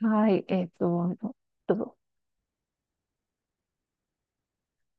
はい、どうぞ。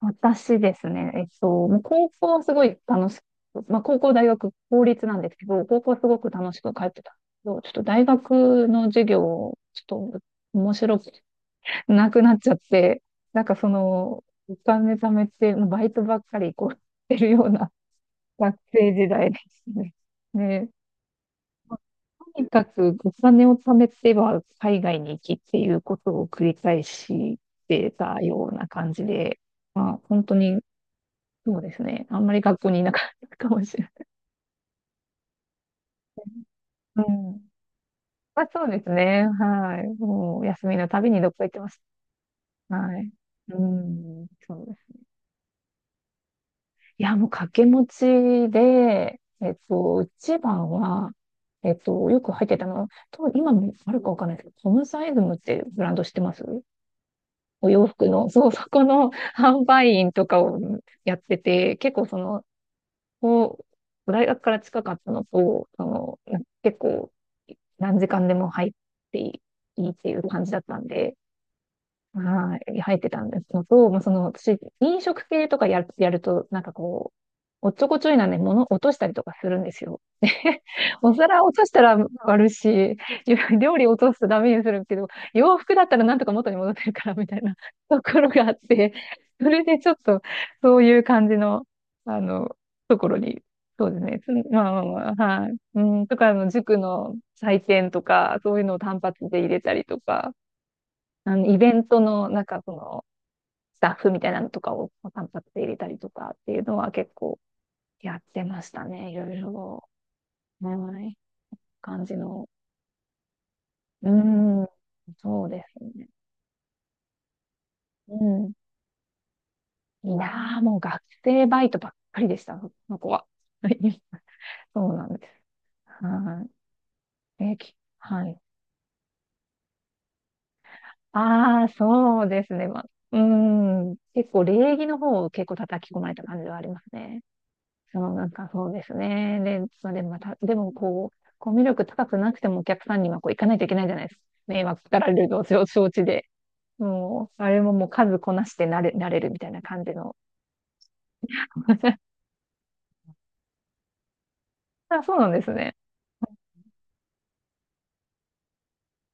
私ですね、もう高校はすごい楽しく、まあ、高校、大学、公立なんですけど、高校はすごく楽しく通ってたんですけど、ちょっと大学の授業、ちょっと面白くなくなっちゃって、なんかその、お金貯めて、バイトばっかりこう、してるような学生時代ですね。ね、とにかくお金を貯めては海外に行きっていうことを繰り返してたような感じで、まあ本当にそうですね。あんまり学校にいなかったかもしれない。うん。まあそうですね。はい。もう休みのたびにどっか行ってます。はい。うん。そうです。いや、もう掛け持ちで、一番は、よく入ってたのは、と今もあるかわかんないですけど、コムサイズムってブランド知ってます？お洋服の、そう、そこの販売員とかをやってて、結構その、こう、大学から近かったのと、その、な結構、何時間でも入っていいっていう感じだったんで、はい、入ってたんですのと、まあ、その、私、飲食系とかやる、やると、なんかこう、おっちょこちょいなんで物落としたりとかするんですよ。でお皿落としたら割るし、料理落とすとダメにするけど、洋服だったらなんとか元に戻ってるからみたいな ところがあって、それでちょっとそういう感じの、あの、ところに、そうですね。つまあまあまあ、はい。うん、とか、あの、塾の採点とか、そういうのを単発で入れたりとか、あの、イベントの、なんかその、スタッフみたいなのとかを単発で入れたりとかっていうのは結構、やってましたね。いろいろ。はい。感じの。うん。そうですね。うん。いいなあもう学生バイトばっかりでした、その子は。はい。そうなんです。はい。え、き、はい。ああ、そうですね。まあ、うん。結構礼儀の方を結構叩き込まれた感じはありますね。そう、なんかそうですね。で、それまた、でもこう、コミュ力高くなくてもお客さんにはこう行かないといけないじゃないですか。迷惑かられるのを承知で。もう、あれももう数こなしてなれ、なれるみたいな感じの。あ、そうなんですね。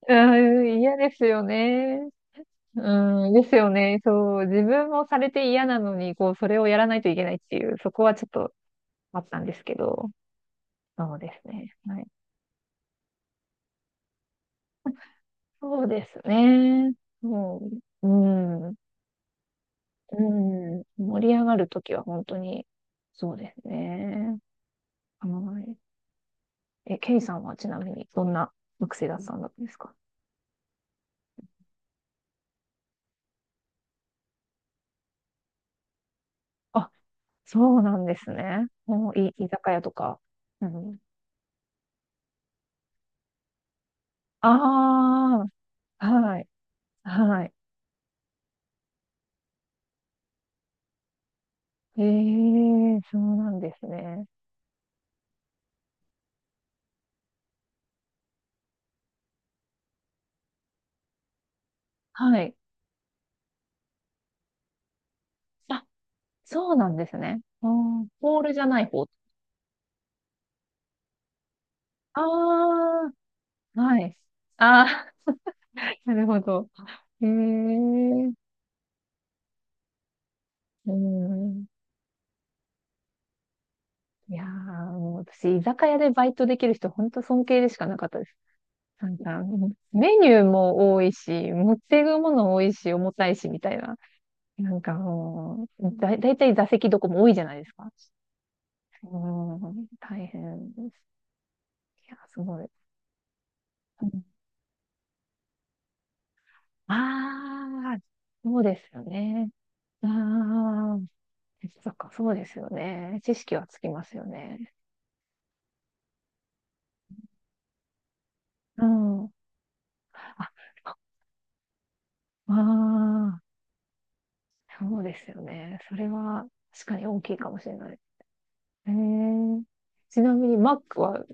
うーん、嫌ですよね。うん、ですよね。そう、自分もされて嫌なのに、こう、それをやらないといけないっていう、そこはちょっとあったんですけど、そうですね。はい。そうですね。もう、うん、うん、盛り上がるときは本当に、そうですね。はい。え、ケイさんはちなみに、どんな学生だったんですか？そうなんですね。もうい、居酒屋とか。うん。ああ、はい、はい。ええ、そうなんですね。はい。あ、そうなんですね。うん、ホールじゃない方。ああ、はい。ああ、なるほど。ええ、うん。いやー、もう私、居酒屋でバイトできる人、本当尊敬でしかなかったです。なんか、メニューも多いし、持っていくもの多いし、重たいし、みたいな。なんかもう、だ、だいたい座席どこも多いじゃないですか。うん、大変です。いや、すごい。ああ、あ、そうですよね。ああ、そっか、そうですよね。知識はつきますよね。うん。あ、ああー、そうですよね。それは確かに大きいかもしれない。えー、ちなみに、マックは、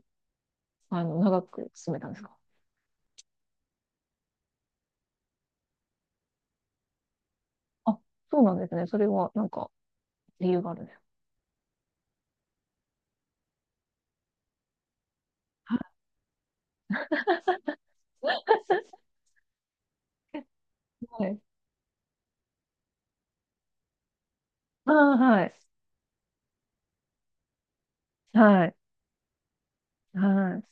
あの、長く進めたんですか？あ、そうなんですね。それは、なんか、理由があるね。はい。ああ、はい。はい。はい。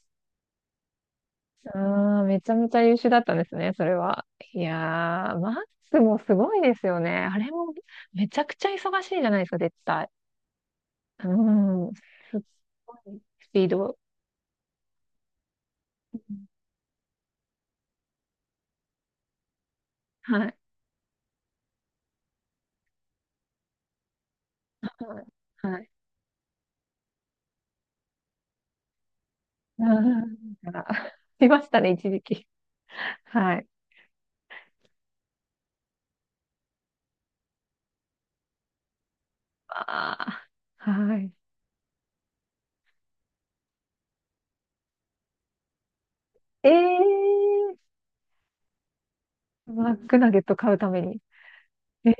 ああ、めちゃめちゃ優秀だったんですね、それは。いやー、マックスもすごいですよね。あれもめちゃくちゃ忙しいじゃないですか、絶対。うん。すっごいスピード。うん。はい。はい。はい。うん。あ、いましたね、一時期。はい。ああ、はい。ええー、マックナゲット買うために。えー。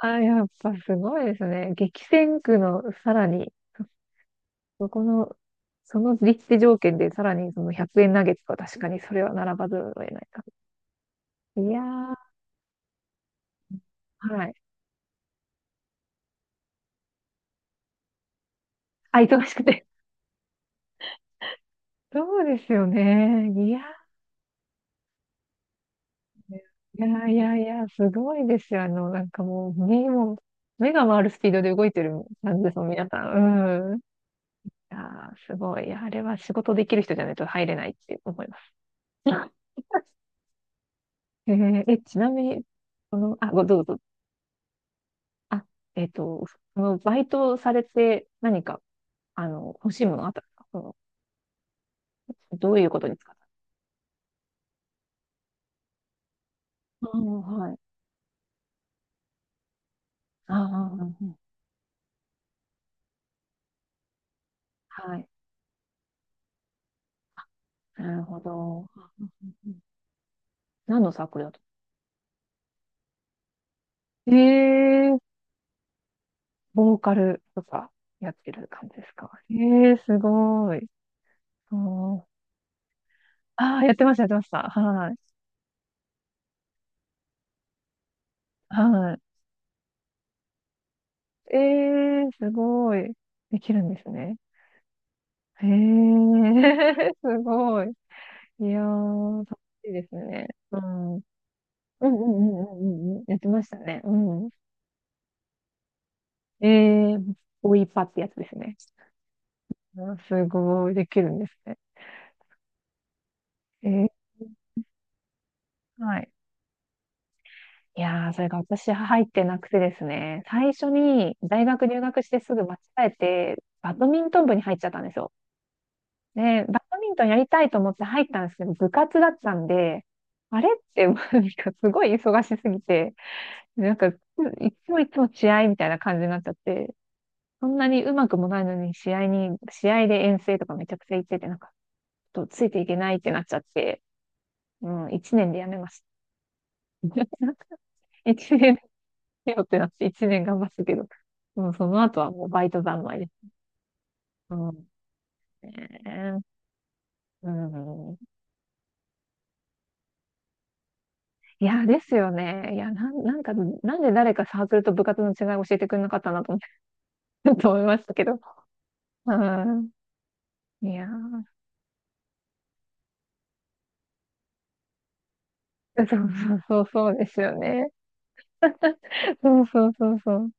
あ、やっぱすごいですね。激戦区のさらに、そ、この、その立地条件でさらにその100円ナゲットは確かにそれは並ばざるを得ないか。いやー、はい。あ、忙しくて。そうですよね。いやー、いやいやいや、すごいですよ。あの、なんかもう、目も、目が回るスピードで動いてる感じですもん、皆さん。うん。いやー、すごい。いや、あれは仕事できる人じゃないと入れないって思います。えーえ、ちなみに、この、あ、ご、どうぞ。あ、えっと、そのバイトされて何か、あの、欲しいものあったんですか？そのどういうことに使った。ああ、はい。ああ、うんうん。はい。なるほど。うんうんうん。何のサークルだと？ええ。ボーカルとかやってる感じですか？ええー、すごい。そう。ああ、やってました、やってました。はい。はい。ええー、すごい。できるんですね。ええ ー、すごい。いやー、楽しいですね。うん。うんうんうんうんうんうん。やってましたね。うん。えー、ボイパってやつですね。うん、すごい、できるんですね。えー、はい。いやー、それが私入ってなくてですね、最初に大学入学してすぐ間違えて、バドミントン部に入っちゃったんですよ。で、バドミントンやりたいと思って入ったんですけど、部活だったんで、あれって、もうなんかすごい忙しすぎて、なんか、いつもいつも試合みたいな感じになっちゃって、そんなにうまくもないのに、試合に、試合で遠征とかめちゃくちゃ行ってて、なんか、ちょっとついていけないってなっちゃって、うん、一年でやめました。一年でよってなって、一年頑張ったけど、もうその後はもうバイト三昧です。うん。ね。うん、いや、ですよね。いや、なん、なんか、なんで誰かサークルと部活の違い教えてくれなかったなと思って と思いましたけど。うん。いやー、そうそうそうそうですよね。そうそうそうそう。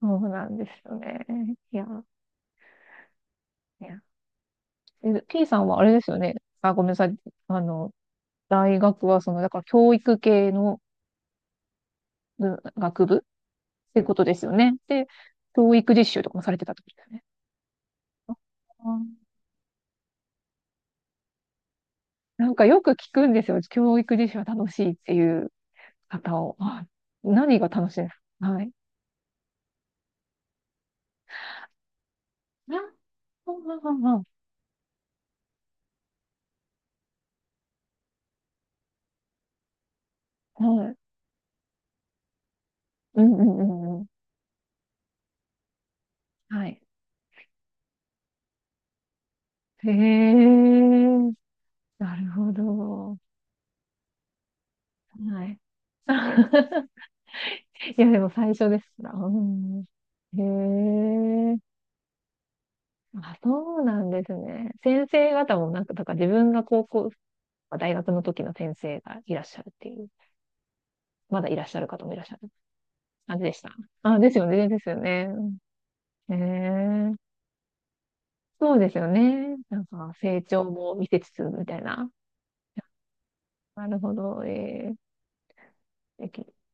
そうなんですよね。いやー。ねえ、T さんはあれですよね。あ、ごめんなさい。あの、大学はその、だから教育系のうん学部ってことですよね。で、教育実習とかもされてたってことですよね。あー。なんかよく聞くんですよ。教育実習は楽しいっていう方を。あ、何が楽しいですか？はい。あ、うんうんうんうん。はい。うんうんうんうん。はい。へえ、なるほど。はい。いや、でも最初ですな。うん。へえ。あ、そうなんですね。先生方もなんか、だから自分が高校、大学の時の先生がいらっしゃるっていう、まだいらっしゃる方もいらっしゃる感じでした。あ、ですよね、ですよね。ええ。そうですよね。なんか成長も見せつつみたいな。なるほど。ええ